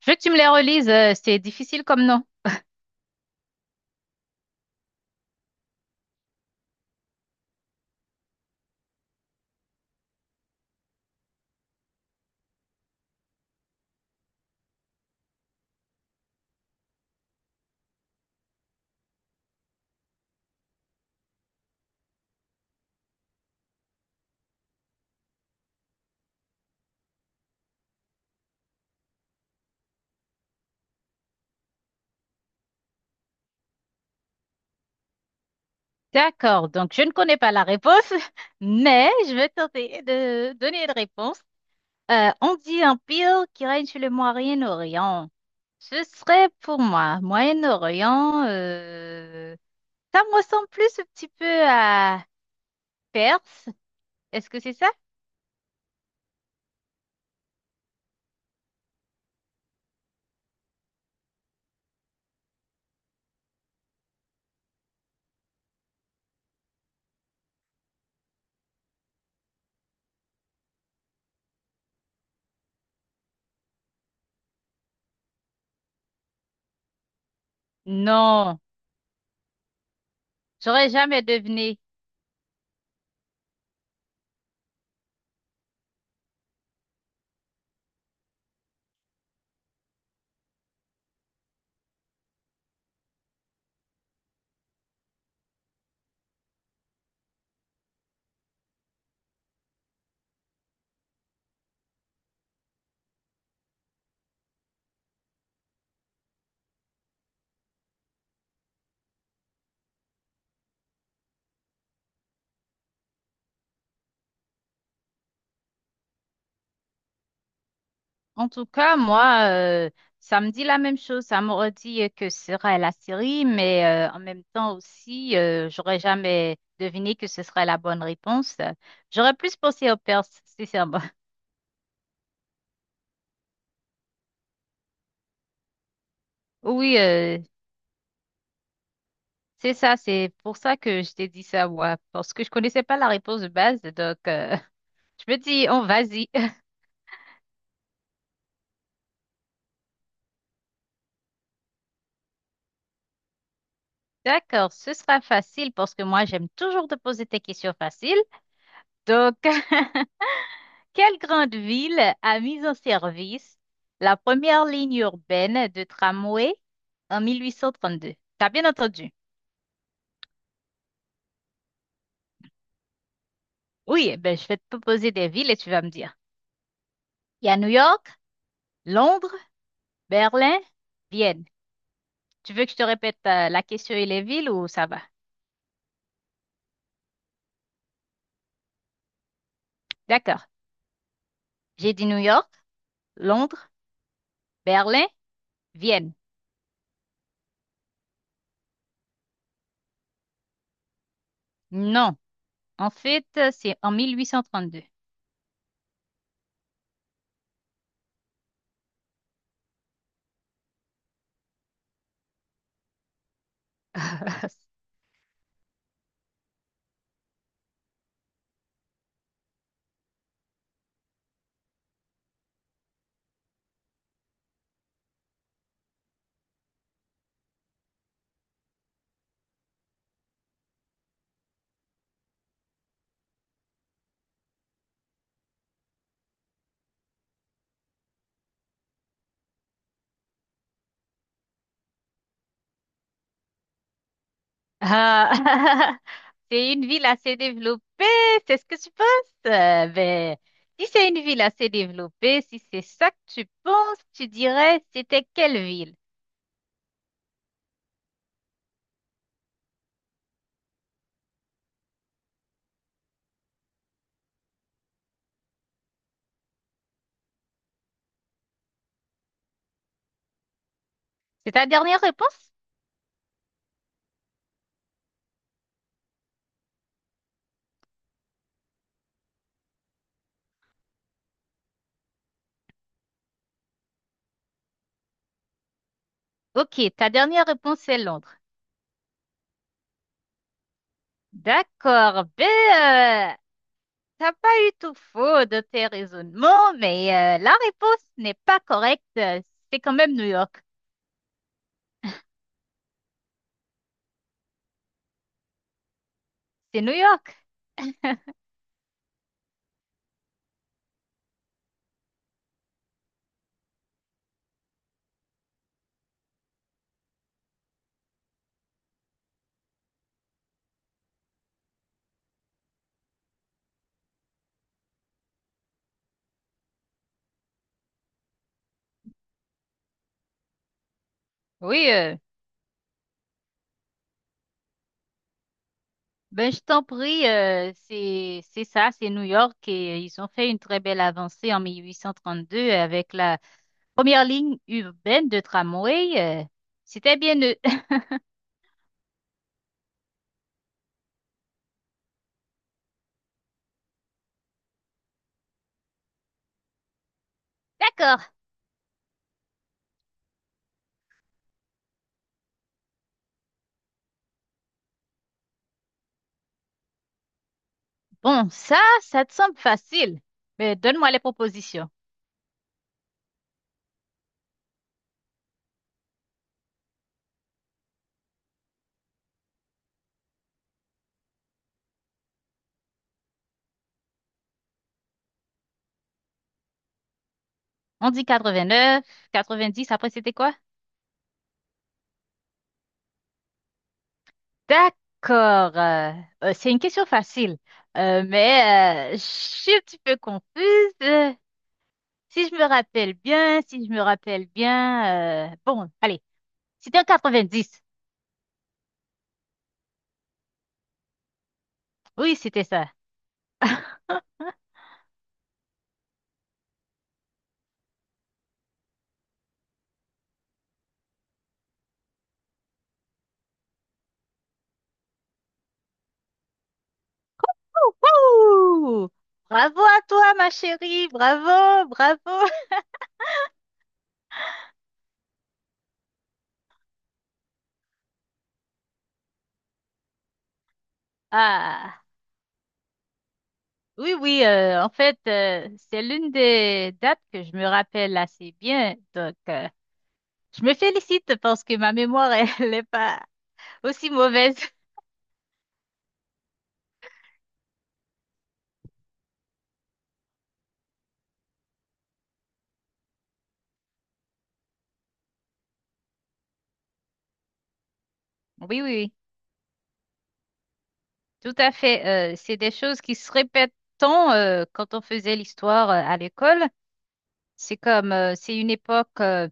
Je veux que tu me les relises, c'est difficile comme nom. D'accord, donc je ne connais pas la réponse, mais je vais tenter de donner une réponse. On dit empire qui règne sur le Moyen-Orient. Ce serait pour moi, Moyen-Orient, ça me ressemble plus un petit peu à Perse. Est-ce que c'est ça? Non, j'aurais jamais deviné. En tout cas, moi, ça me dit la même chose. Ça m'aurait dit que ce serait la série, mais en même temps aussi, j'aurais jamais deviné que ce serait la bonne réponse. J'aurais plus pensé au Perse, sincèrement. Oui, c'est ça. C'est pour ça que je t'ai dit ça, moi, parce que je connaissais pas la réponse de base. Je me dis, on vas-y. D'accord, ce sera facile parce que moi, j'aime toujours te poser tes questions faciles. Donc, quelle grande ville a mis en service la première ligne urbaine de tramway en 1832? T'as bien entendu? Oui, eh ben je vais te proposer des villes et tu vas me dire. Il y a New York, Londres, Berlin, Vienne. Tu veux que je te répète la question et les villes ou ça va? D'accord. J'ai dit New York, Londres, Berlin, Vienne. Non. En fait, c'est en 1832. Ah, c'est une ville assez développée, c'est ce que tu penses? Euh, ben, Si c'est une ville assez développée, si c'est ça que tu penses, tu dirais c'était quelle ville? C'est ta dernière réponse? Ok, ta dernière réponse c'est Londres. D'accord, euh, t'as pas eu tout faux de tes raisonnements, mais la réponse n'est pas correcte. C'est quand même New York. C'est New York. Oui. Ben, je t'en prie, c'est ça, c'est New York et ils ont fait une très belle avancée en 1832 avec la première ligne urbaine de tramway. C'était bien eux. D'accord. Bon, ça te semble facile. Mais donne-moi les propositions. On dit quatre-vingt-neuf, quatre-vingt-dix. Après c'était quoi? D'accord. C'est une question facile. Je suis un petit peu confuse. euh, Si je me rappelle bien, si je me rappelle bien, bon, allez. C'était en 90. Oui, c'était ça. Wouhou! Bravo à toi, ma chérie. Bravo, bravo. Ah, oui, oui. En fait, c'est l'une des dates que je me rappelle assez bien. Je me félicite parce que ma mémoire, elle n'est pas aussi mauvaise. Oui, oui, oui. Tout à fait. C'est des choses qui se répètent tant quand on faisait l'histoire à l'école. C'est comme, c'est une époque,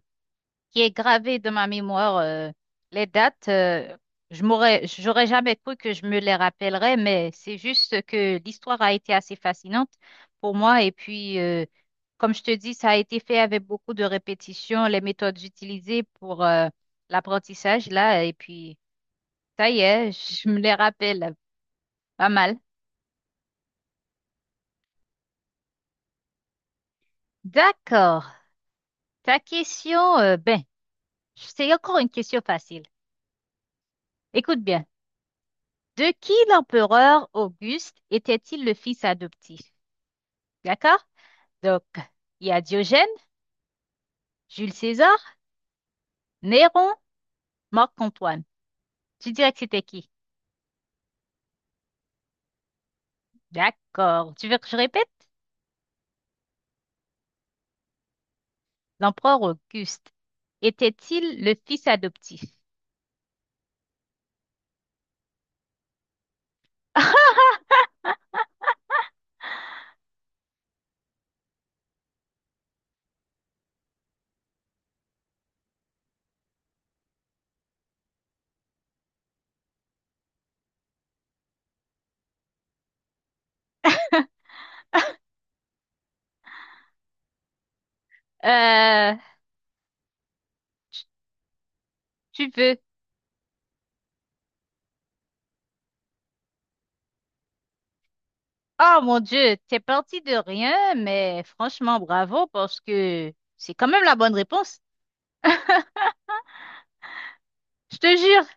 qui est gravé de ma mémoire. Les dates, je m'aurais, j'aurais jamais cru que je me les rappellerais, mais c'est juste que l'histoire a été assez fascinante pour moi. Et puis, comme je te dis, ça a été fait avec beaucoup de répétitions, les méthodes utilisées pour l'apprentissage là. Et puis, ça y est, je me les rappelle pas mal. D'accord. Ta question, c'est encore une question facile. Écoute bien. De qui l'empereur Auguste était-il le fils adoptif? D'accord? Donc, il y a Diogène, Jules César, Néron, Marc-Antoine. Tu dirais que c'était qui? D'accord. Tu veux que je répète? L'empereur Auguste était-il le fils adoptif? Euh, tu tu veux? Oh mon Dieu, t'es parti de rien, mais franchement, bravo parce que c'est quand même la bonne réponse. Je te jure.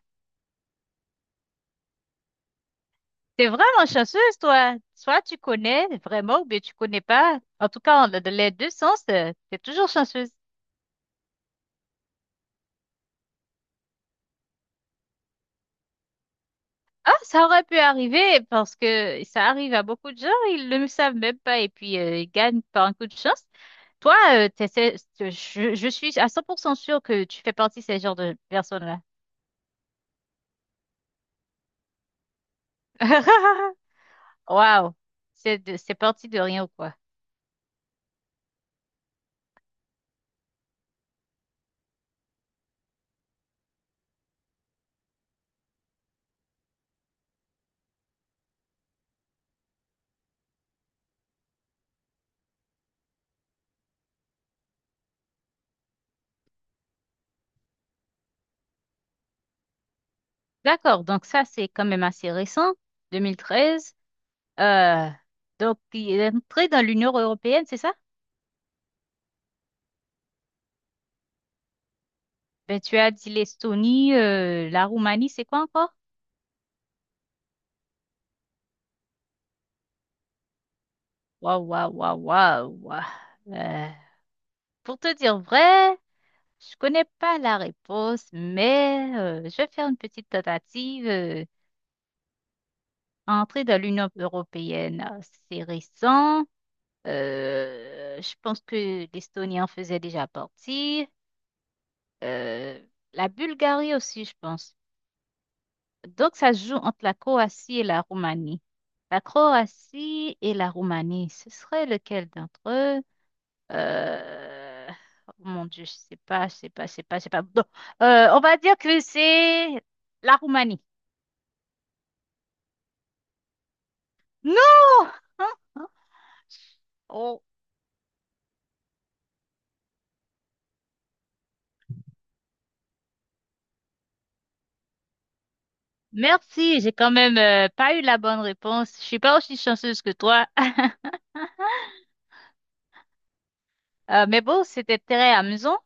T'es vraiment chanceuse, toi. Soit tu connais vraiment ou bien tu connais pas. En tout cas, dans les deux sens, t'es toujours chanceuse. Ah, ça aurait pu arriver parce que ça arrive à beaucoup de gens, ils ne le savent même pas et puis ils gagnent par un coup de chance. Toi, t'essaies- je suis à 100% sûre que tu fais partie de ces genres de personnes-là. Waouh, c'est de- c'est parti de rien ou quoi. D'accord, donc ça c'est quand même assez récent, 2013. Euh, donc, il est entré dans l'Union européenne, c'est ça? Ben, tu as dit l'Estonie, la Roumanie, c'est quoi encore? Waouh, waouh, waouh, waouh, waouh. Euh, Pour te dire vrai, je connais pas la réponse, mais je vais faire une petite tentative. Entrer dans l'Union européenne, c'est récent. Je pense que l'Estonie en faisait déjà partie. Euh, la Bulgarie aussi, je pense. Donc, ça se joue entre la Croatie et la Roumanie. La Croatie et la Roumanie, ce serait lequel d'entre eux? Euh, oh mon Dieu, je sais pas, je sais pas, je sais pas, je sais pas. Bon, on va dire que c'est la Roumanie. Non! Oh, merci, j'ai quand même pas eu la bonne réponse. Je suis pas aussi chanceuse que toi. Mais bon, c'était très amusant.